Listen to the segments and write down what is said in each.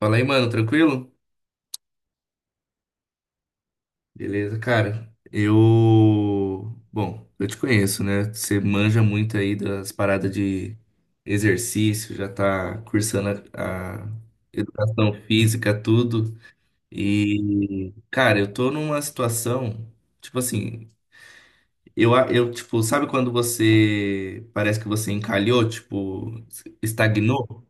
Fala aí, mano, tranquilo? Beleza, cara. Eu. Bom, eu te conheço, né? Você manja muito aí das paradas de exercício, já tá cursando a educação física, tudo. E, cara, eu tô numa situação, tipo assim, tipo, sabe quando você parece que você encalhou, tipo, estagnou?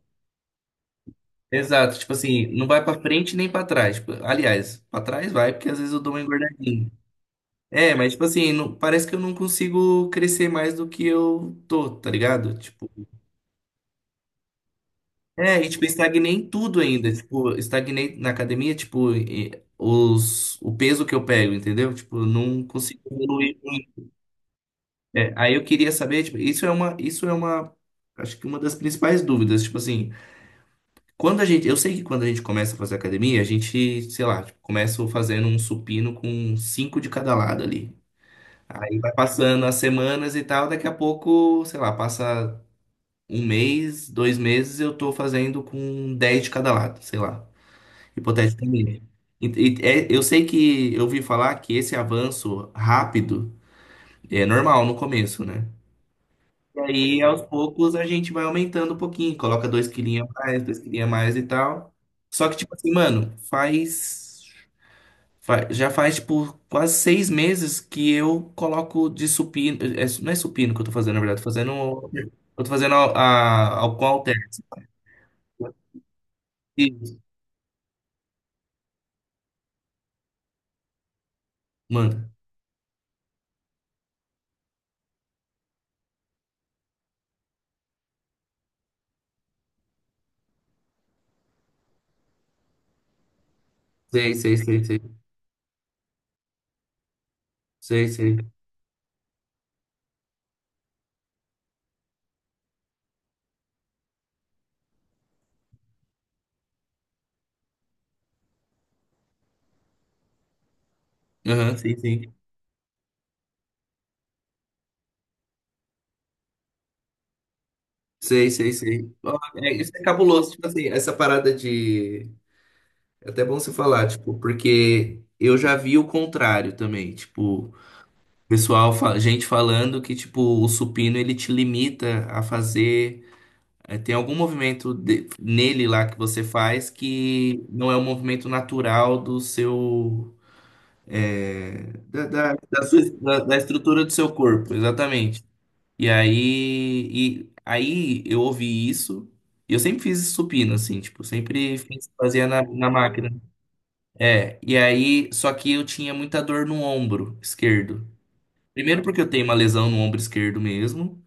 Exato, tipo assim, não vai pra frente nem pra trás. Tipo, aliás, pra trás vai, porque às vezes eu dou uma engordadinha. É, mas tipo assim, não- parece que eu não consigo crescer mais do que eu tô, tá ligado? Tipo, é, e tipo, estagnei em tudo ainda. Tipo, estagnei na academia, tipo, e- o peso que eu pego, entendeu? Tipo, eu não consigo evoluir muito. É, aí eu queria saber, tipo, isso é uma, acho que uma das principais dúvidas, tipo assim, eu sei que quando a gente começa a fazer academia, a gente, sei lá, tipo, começa fazendo um supino com 5 de cada lado ali. Aí vai passando as semanas e tal, daqui a pouco, sei lá, passa um mês, dois meses, eu tô fazendo com 10 de cada lado, sei lá, hipoteticamente. E- eu sei que eu ouvi falar que esse avanço rápido é normal no começo, né? E aí, aos poucos, a gente vai aumentando um pouquinho, coloca dois quilinhos a mais, dois quilinhos a mais e tal. Só que, tipo assim, mano, faz. Já faz, tipo, quase 6 meses que eu coloco de supino. É, não é supino que eu tô fazendo, na verdade. Tô fazendo. Eu tô fazendo ao qual alter. Isso, mano. Sei, sei, sei, sei. Sei, sei. Aham, sei, sei. Sei, sei, sei. Ó, é, isso é cabuloso, tipo assim, essa parada de. É até bom você falar, tipo, porque eu já vi o contrário também. Tipo, pessoal, fa- gente falando que, tipo, o supino ele te limita a fazer. É, tem algum movimento de- nele lá que você faz que não é um movimento natural do seu. É, da sua- da- da estrutura do seu corpo, exatamente. E aí, e aí eu ouvi isso, e eu sempre fiz supino, assim, tipo, sempre fiz- fazia na máquina. É, e aí, só que eu tinha muita dor no ombro esquerdo. Primeiro porque eu tenho uma lesão no ombro esquerdo mesmo,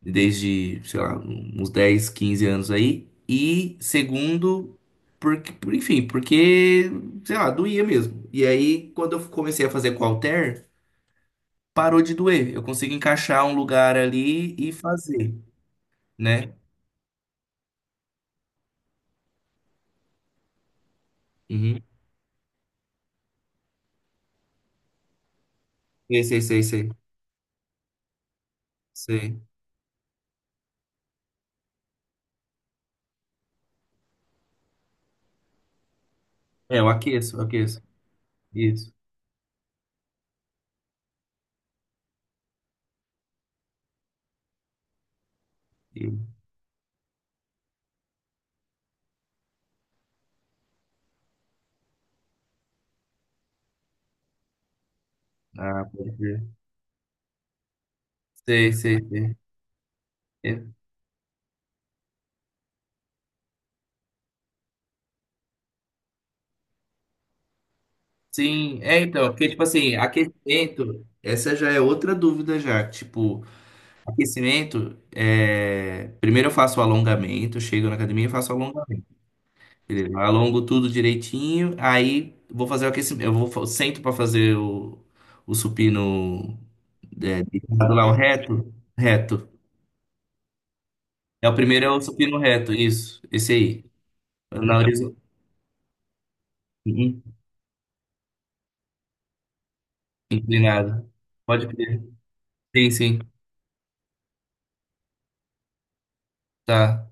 desde, sei lá, uns 10, 15 anos aí. E segundo, porque, por, enfim, porque, sei lá, doía mesmo. E aí, quando eu comecei a fazer com halter, parou de doer. Eu consigo encaixar um lugar ali e fazer, né? Uhum. Sei, sei, sei, sei, sei. É, eu aqueço, eu aqueço. Isso. Isso. Ah, pode ver. Sei, sei, sei. É, sim, é então, porque tipo assim, aquecimento, essa já é outra dúvida já, tipo, aquecimento, primeiro eu faço o alongamento, chego na academia e faço o alongamento. Beleza? Eu alongo tudo direitinho, aí vou fazer o aquecimento. Eu vou, fa- sento para fazer o supino, é, deitado lá, o reto. Reto. É o primeiro é o supino reto, isso. Esse aí. Na horizontal. Inclinado. Pode crer. Sim, sim. Tá.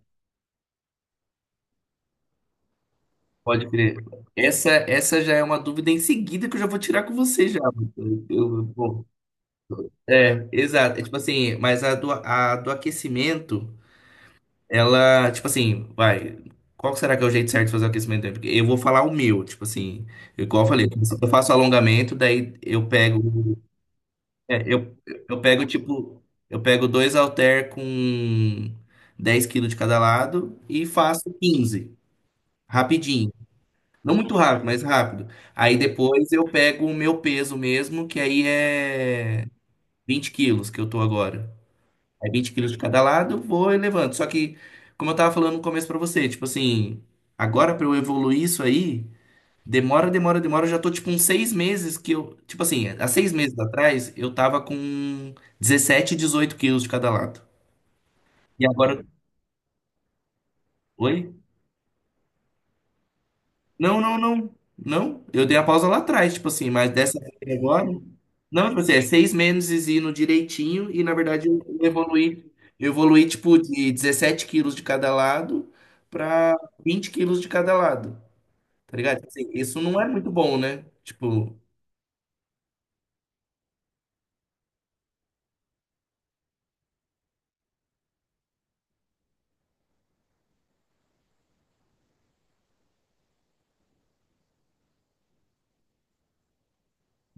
Pode crer. Essa já é uma dúvida em seguida que eu já vou tirar com você já. Bom, é, exato. É, tipo assim, mas a do aquecimento, ela, tipo assim, vai. Qual será que é o jeito certo de fazer o aquecimento? Porque eu vou falar o meu, tipo assim, igual eu falei, eu faço alongamento, daí eu pego. é, eu, eu pego, tipo, eu pego dois halter com 10 quilos de cada lado e faço 15, rapidinho. Não muito rápido, mas rápido. Aí depois eu pego o meu peso mesmo, que aí é 20 quilos que eu tô agora. Aí 20 quilos de cada lado, vou elevando. Só que, como eu tava falando no começo pra você, tipo assim, agora pra eu evoluir isso aí, demora, demora, demora. Eu já tô tipo uns 6 meses que eu. Tipo assim, há 6 meses atrás eu tava com 17, 18 quilos de cada lado. E agora. Oi? Não. Não, eu dei a pausa lá atrás, tipo assim, mas dessa vez agora. Não, tipo assim, é 6 meses indo direitinho e na verdade eu evoluí tipo de 17 quilos de cada lado pra 20 quilos de cada lado, tá ligado? Tipo assim, isso não é muito bom, né? Tipo,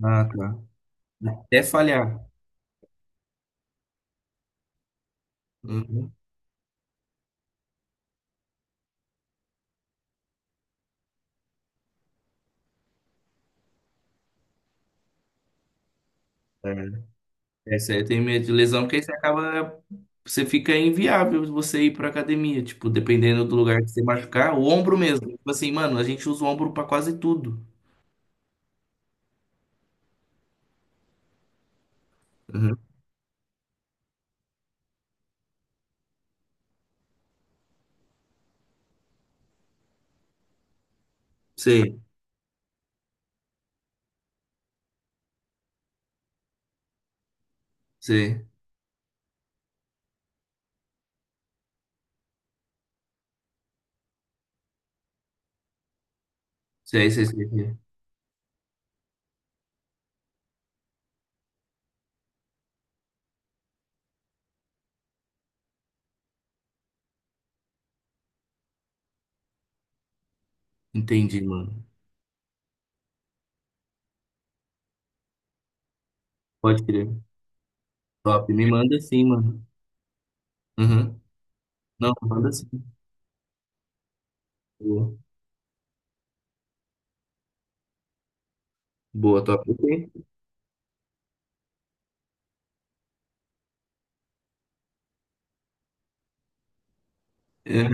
ah, tá. Até falhar. Uhum. É, isso aí, eu tenho medo de lesão, porque aí você acaba. Você fica inviável você ir pra academia, tipo, dependendo do lugar que você machucar, o ombro mesmo. Tipo assim, mano, a gente usa o ombro pra quase tudo. Uhum. Sei, sei, sei, sei, sei, sei. Entendi, mano. Pode crer. Top, me manda sim, mano. Uhum. Não, manda sim. Boa, boa, top. Ok. É,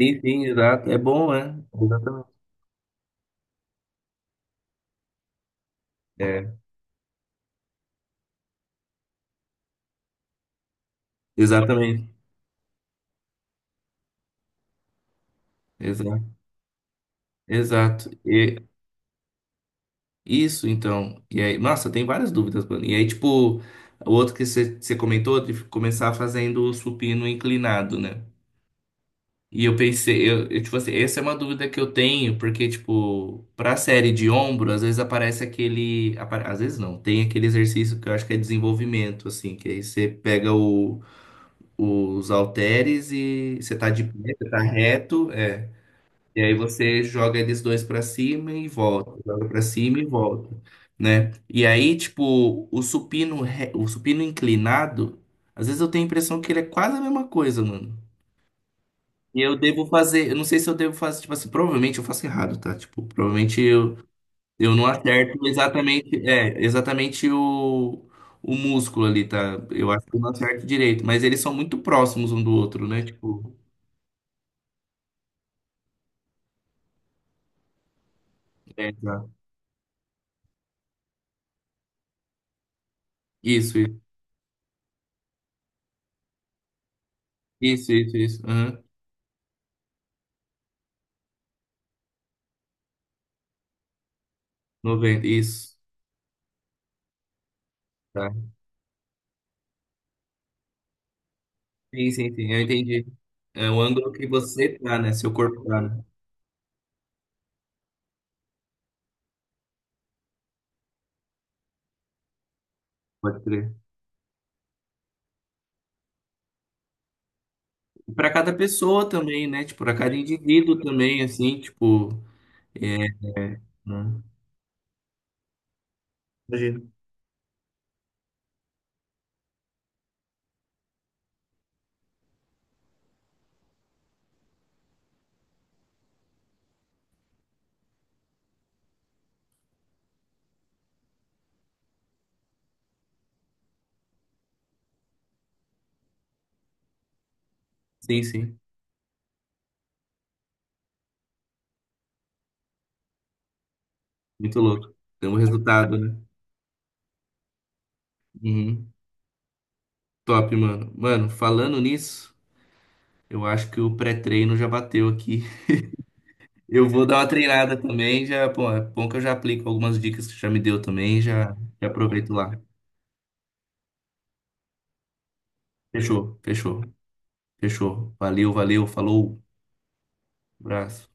sim, sim, exato. É bom, né? Exatamente. É, exatamente. Exato. Exato. E- isso, então. E aí, nossa, tem várias dúvidas, mano. E aí, tipo, o outro que você comentou de começar fazendo o supino inclinado, né? E eu pensei, tipo assim, essa é uma dúvida que eu tenho, porque, tipo, pra série de ombro, às vezes aparece aquele. Apa- às vezes não, tem aquele exercício que eu acho que é desenvolvimento, assim, que aí você pega os halteres e você tá de pé, você tá reto, é. E aí você joga eles dois pra cima e volta, joga pra cima e volta, né? E aí, tipo, o supino, re- o supino inclinado, às vezes eu tenho a impressão que ele é quase a mesma coisa, mano. E eu devo fazer, eu não sei se eu devo fazer, tipo assim, provavelmente eu faço errado, tá? Tipo, provavelmente eu não acerto exatamente, é, exatamente o músculo ali, tá? Eu acho que eu não acerto direito, mas eles são muito próximos um do outro, né? Tipo, é, tá. Isso, isso. Aham. 90, isso. Tá. Sim, sim, sim, eu entendi. É o ângulo que você tá, né? Seu corpo tá, né? Pode crer. E pra cada pessoa também, né? Tipo, para cada indivíduo também, assim, tipo. É, é, né? Imagino. Sim, sim. Muito louco. Tem um resultado, né? Uhum. Top, mano. Mano, falando nisso, eu acho que o pré-treino já bateu aqui. Eu vou dar uma treinada também, já, pô, é bom que eu já aplico algumas dicas que você já me deu também, já, já aproveito lá. Fechou, fechou, fechou. Valeu, valeu, falou. Abraço.